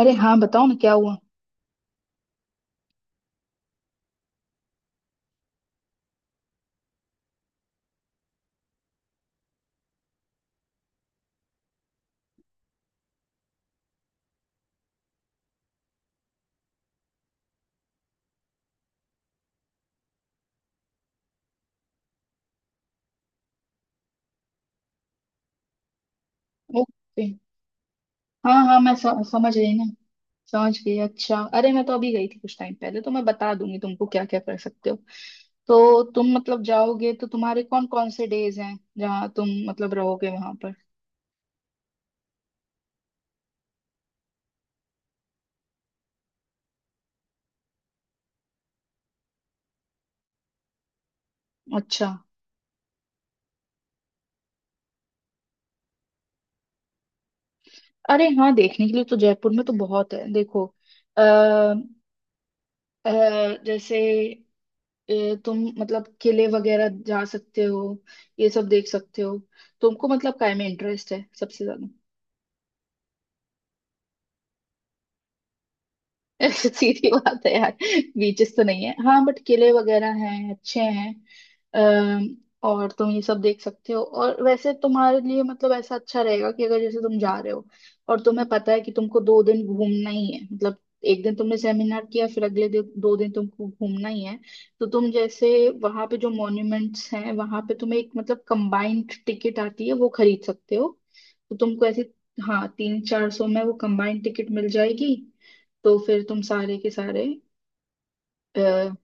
अरे हाँ बताओ ना, क्या हुआ? ओके। हाँ हाँ, मैं समझ गई ना। समझ गई। अच्छा, अरे मैं तो अभी गई थी कुछ टाइम पहले, तो मैं बता दूंगी तुमको क्या क्या कर सकते हो। तो तुम मतलब जाओगे तो तुम्हारे कौन कौन से डेज हैं जहाँ तुम मतलब रहोगे वहां पर? अच्छा। अरे हाँ, देखने के लिए तो जयपुर में तो बहुत है, देखो। अ, अ, जैसे तुम मतलब किले वगैरह जा सकते हो, ये सब देख सकते हो। तुमको मतलब काय में इंटरेस्ट है सबसे ज्यादा? सीधी बात है यार। बीचेस तो नहीं है हाँ, बट किले वगैरह हैं अच्छे हैं। अम, और तुम ये सब देख सकते हो। और वैसे तुम्हारे लिए मतलब ऐसा अच्छा रहेगा कि अगर जैसे तुम जा रहे हो और तुम्हें पता है कि तुमको 2 दिन घूमना ही है मतलब, एक दिन तुमने सेमिनार किया फिर अगले दिन 2 दिन तुमको घूमना ही है। तो तुम जैसे वहां पे जो मॉन्यूमेंट्स हैं वहां पे तुम्हें एक मतलब कंबाइंड टिकट आती है, वो खरीद सकते हो। तो तुमको ऐसे, हाँ तीन चार सौ में वो कंबाइंड टिकट मिल जाएगी। तो फिर तुम सारे के सारे आ,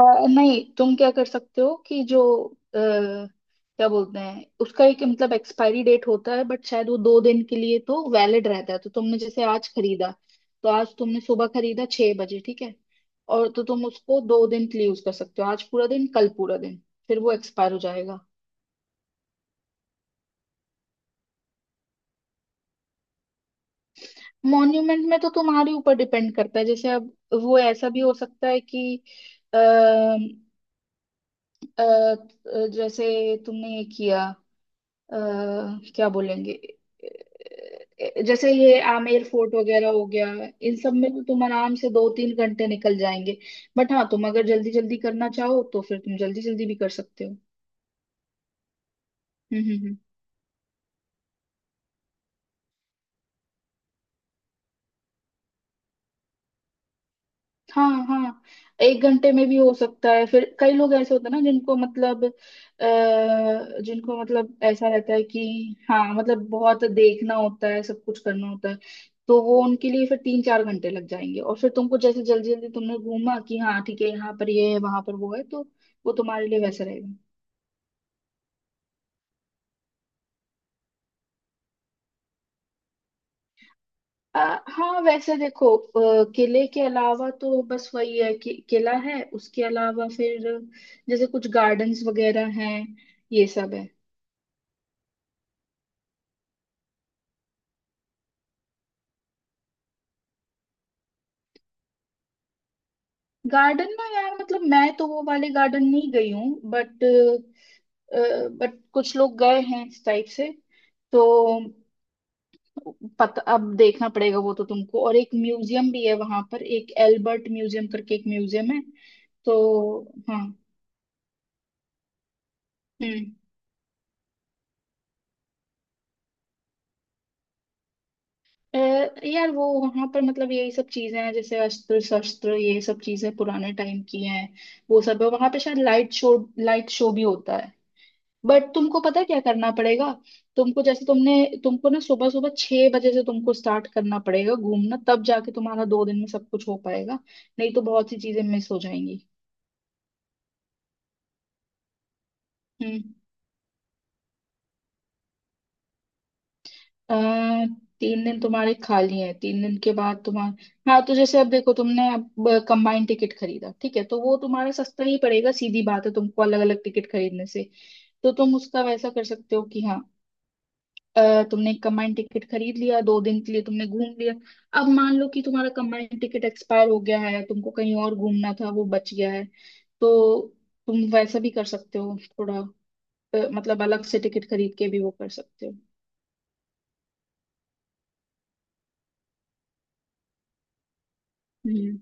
नहीं, तुम क्या कर सकते हो कि जो अ, क्या बोलते हैं, उसका एक मतलब एक्सपायरी डेट होता है बट शायद वो 2 दिन के लिए तो वैलिड रहता है। तो तुमने जैसे आज खरीदा, तो आज तुमने सुबह खरीदा 6 बजे, ठीक है। और तो तुम उसको 2 दिन के लिए यूज कर सकते हो, आज पूरा दिन कल पूरा दिन, फिर वो एक्सपायर हो जाएगा। मॉन्यूमेंट में तो तुम्हारे ऊपर डिपेंड करता है, जैसे अब वो ऐसा भी हो सकता है कि अ, अ, जैसे तुमने ये किया अ, क्या बोलेंगे, जैसे ये आमेर फोर्ट वगैरह हो गया, इन सब में तो तुम आराम से 2-3 घंटे निकल जाएंगे। बट हाँ तुम अगर जल्दी जल्दी करना चाहो तो फिर तुम जल्दी जल्दी भी कर सकते हो। हम्म हम्म हम्म। हाँ हाँ, 1 घंटे में भी हो सकता है, फिर कई लोग ऐसे होते हैं ना जिनको मतलब जिनको मतलब ऐसा रहता है कि हाँ मतलब बहुत देखना होता है, सब कुछ करना होता है। तो वो उनके लिए फिर 3-4 घंटे लग जाएंगे। और फिर तुमको जैसे जल्दी जल्दी तुमने घूमा कि हाँ ठीक है यहाँ पर ये है वहां पर वो है, तो वो तुम्हारे लिए वैसा रहेगा। हाँ वैसे देखो, किले के अलावा तो बस वही है कि किला है, उसके अलावा फिर जैसे कुछ गार्डन्स वगैरह हैं, ये सब है। गार्डन ना यार, मतलब मैं तो वो वाले गार्डन नहीं गई हूँ बट, कुछ लोग गए हैं इस टाइप से। तो पता, अब देखना पड़ेगा वो तो तुमको। और एक म्यूजियम भी है वहां पर, एक एल्बर्ट म्यूजियम करके एक म्यूजियम है, तो हाँ। हम्म। अ, यार वो वहां पर मतलब यही सब चीजें हैं, जैसे अस्त्र शस्त्र ये सब चीजें पुराने टाइम की हैं। वो सब है वहां पे, शायद लाइट शो, लाइट शो भी होता है। बट तुमको पता है क्या करना पड़ेगा, तुमको जैसे तुमने तुमको ना सुबह सुबह 6 बजे से तुमको स्टार्ट करना पड़ेगा घूमना, तब जाके तुम्हारा 2 दिन में सब कुछ हो पाएगा। नहीं तो बहुत सी चीजें मिस हो जाएंगी। हम्म। आ, 3 दिन तुम्हारे खाली हैं, 3 दिन के बाद तुम्हारा हाँ, तो जैसे अब देखो तुमने अब कंबाइंड टिकट खरीदा ठीक है, तो वो तुम्हारा सस्ता ही पड़ेगा सीधी बात है, तुमको अलग अलग टिकट खरीदने से। तो तुम उसका वैसा कर सकते हो कि हाँ तुमने कमांड टिकट खरीद लिया, 2 दिन के लिए तुमने घूम लिया। अब मान लो कि तुम्हारा कमांड टिकट एक्सपायर हो गया है, तुमको कहीं और घूमना था, वो बच गया है। तो तुम वैसा भी कर सकते हो थोड़ा, मतलब अलग से टिकट खरीद के भी वो कर सकते हो। हम्म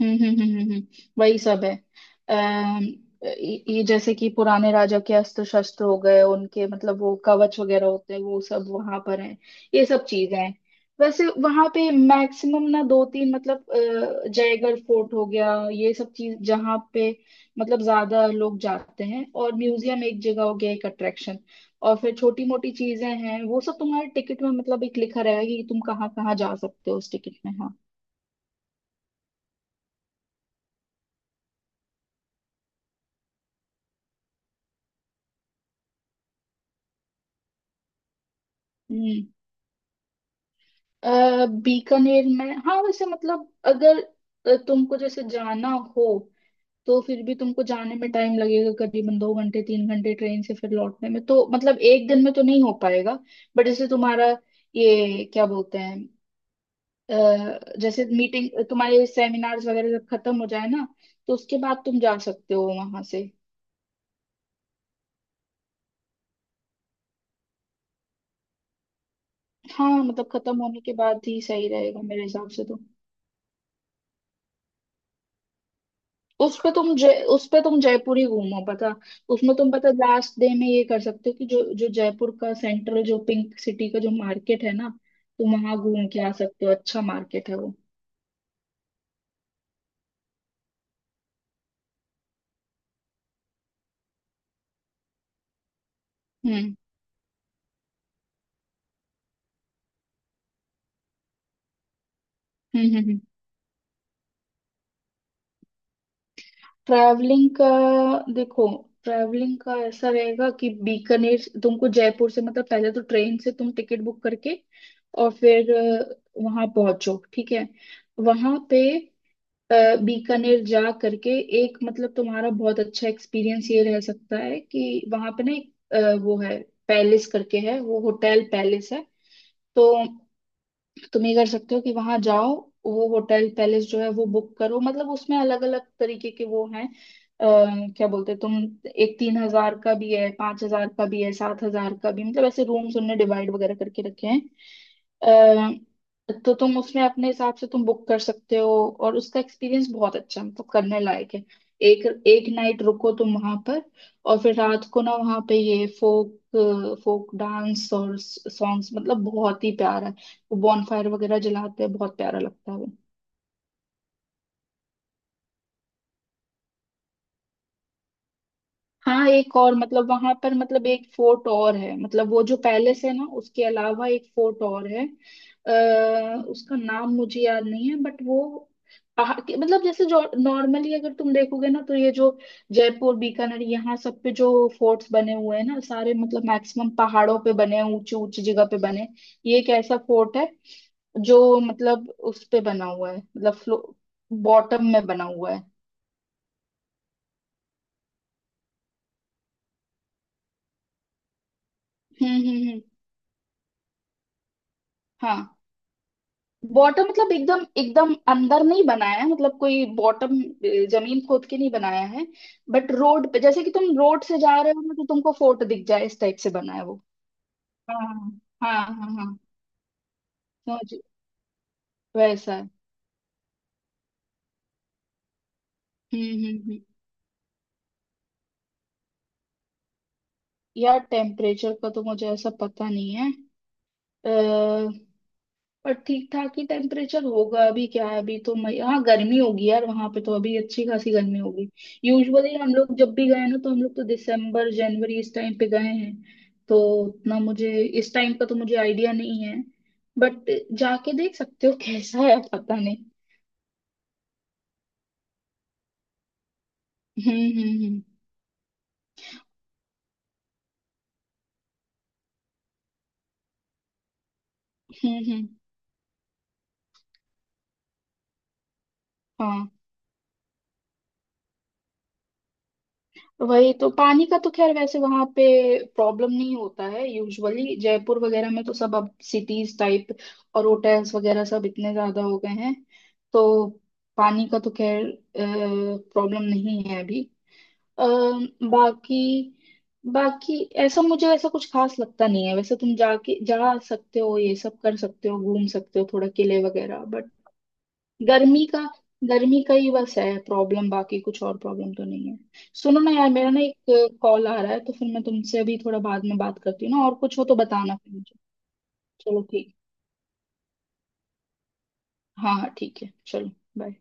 हम्म। वही सब है। अम, ये जैसे कि पुराने राजा के अस्त्र शस्त्र हो गए, उनके मतलब वो कवच वगैरह होते हैं, वो सब वहां पर है, ये सब चीजें हैं। वैसे वहां पे मैक्सिमम ना दो तीन मतलब जयगढ़ फोर्ट हो गया, ये सब चीज जहाँ पे मतलब ज्यादा लोग जाते हैं। और म्यूजियम एक जगह हो गया, एक अट्रैक्शन। और फिर छोटी मोटी चीजें हैं, वो सब तुम्हारे टिकट में मतलब एक लिखा रहेगा कि तुम कहाँ कहाँ जा सकते हो उस टिकट में, हाँ। हम्म। बीकानेर में हाँ वैसे मतलब अगर तुमको जैसे जाना हो, तो फिर भी तुमको जाने में टाइम लगेगा करीबन 2-3 घंटे ट्रेन से। फिर लौटने में तो मतलब एक दिन में तो नहीं हो पाएगा। बट जैसे तुम्हारा, ये क्या बोलते हैं, जैसे मीटिंग तुम्हारे सेमिनार्स वगैरह जब खत्म हो जाए ना, तो उसके बाद तुम जा सकते हो वहां से। हाँ मतलब खत्म होने के बाद ही सही रहेगा मेरे हिसाब से तो। उस पे तुम जयपुर ही घूमो। पता उसमें तुम पता, लास्ट डे में ये कर सकते हो कि जो जो जयपुर का सेंट्रल, जो पिंक सिटी का जो मार्केट है ना तुम वहां घूम के आ सकते हो, अच्छा मार्केट है वो। हम्म हम्म। ट्रैवलिंग का, देखो, ट्रैवलिंग का ऐसा रहेगा कि बीकानेर तुमको जयपुर से मतलब पहले तो ट्रेन से तुम टिकट बुक करके और फिर वहां पहुंचो, ठीक है। वहां पे अ, बीकानेर जा करके एक मतलब तुम्हारा बहुत अच्छा एक्सपीरियंस ये रह सकता है कि वहां पे ना एक वो है पैलेस करके है, वो होटल पैलेस है। तो तो तुम ये कर सकते हो कि वहां जाओ, वो होटल पैलेस जो है वो बुक करो, मतलब उसमें अलग अलग तरीके के वो हैं अ, क्या बोलते हैं तुम, एक 3,000 का भी है, 5,000 का भी है, 7,000 का भी, मतलब ऐसे रूम्स उनने डिवाइड वगैरह करके रखे हैं। तो तुम उसमें अपने हिसाब से तुम बुक कर सकते हो, और उसका एक्सपीरियंस बहुत अच्छा है, मतलब करने लायक है। एक एक नाइट रुको तुम वहां पर, और फिर रात को ना वहां पे ये फोक, फोक डांस और सॉन्ग्स, मतलब बहुत ही प्यारा। वो बॉनफायर वगैरह जलाते हैं, बहुत प्यारा लगता है वो। हाँ एक और मतलब वहां पर मतलब एक फोर्ट और है, मतलब वो जो पैलेस है ना उसके अलावा एक फोर्ट और है, अः उसका नाम मुझे याद नहीं है बट वो पहाड़ के मतलब, जैसे जो नॉर्मली अगर तुम देखोगे ना तो ये जो जयपुर बीकानेर यहाँ सब पे जो फोर्ट्स बने हुए हैं ना सारे मतलब मैक्सिमम पहाड़ों पे बने हैं, ऊंची ऊंची जगह पे बने हैं। ये एक ऐसा फोर्ट है जो मतलब उस पे बना हुआ है, मतलब बॉटम में बना हुआ है। हम्म हम्म हम्म। हाँ, बॉटम मतलब एकदम एकदम अंदर नहीं बनाया है, मतलब कोई बॉटम जमीन खोद के नहीं बनाया है, बट रोड पे जैसे कि तुम रोड से जा रहे हो ना तो तुमको फोर्ट दिख जाए इस टाइप से बना है वो। हाँ हाँ हाँ। हाँ समझ। वैसा है। हम्म। यार टेम्परेचर का तो मुझे ऐसा पता नहीं है, पर ठीक ठाक ही टेम्परेचर होगा। अभी क्या है, अभी तो मई, हाँ गर्मी होगी यार, वहां पे तो अभी अच्छी खासी गर्मी होगी। यूजुअली हम लोग जब भी गए ना तो हम लोग तो दिसंबर जनवरी इस टाइम पे गए हैं, तो उतना मुझे इस टाइम का तो मुझे आइडिया नहीं है। बट जाके देख सकते हो कैसा है, पता नहीं। हम्म हम्म हम्म हम्म। हाँ वही तो, पानी का तो खैर वैसे वहां पे प्रॉब्लम नहीं होता है यूजुअली, जयपुर वगैरह में तो सब अब सिटीज टाइप और होटल्स वगैरह सब इतने ज्यादा हो गए हैं, तो पानी का तो खैर प्रॉब्लम नहीं है अभी। अ, बाकी, ऐसा मुझे ऐसा कुछ खास लगता नहीं है, वैसे तुम जाके जा सकते हो, ये सब कर सकते हो, घूम सकते हो थोड़ा किले वगैरह, बट गर्मी का, ही बस है प्रॉब्लम, बाकी कुछ और प्रॉब्लम तो नहीं है। सुनो ना यार, मेरा ना एक कॉल आ रहा है, तो फिर मैं तुमसे अभी थोड़ा बाद में बात करती हूँ ना, और कुछ हो तो बताना फिर मुझे। चलो ठीक। हाँ हाँ ठीक है चलो। बाय।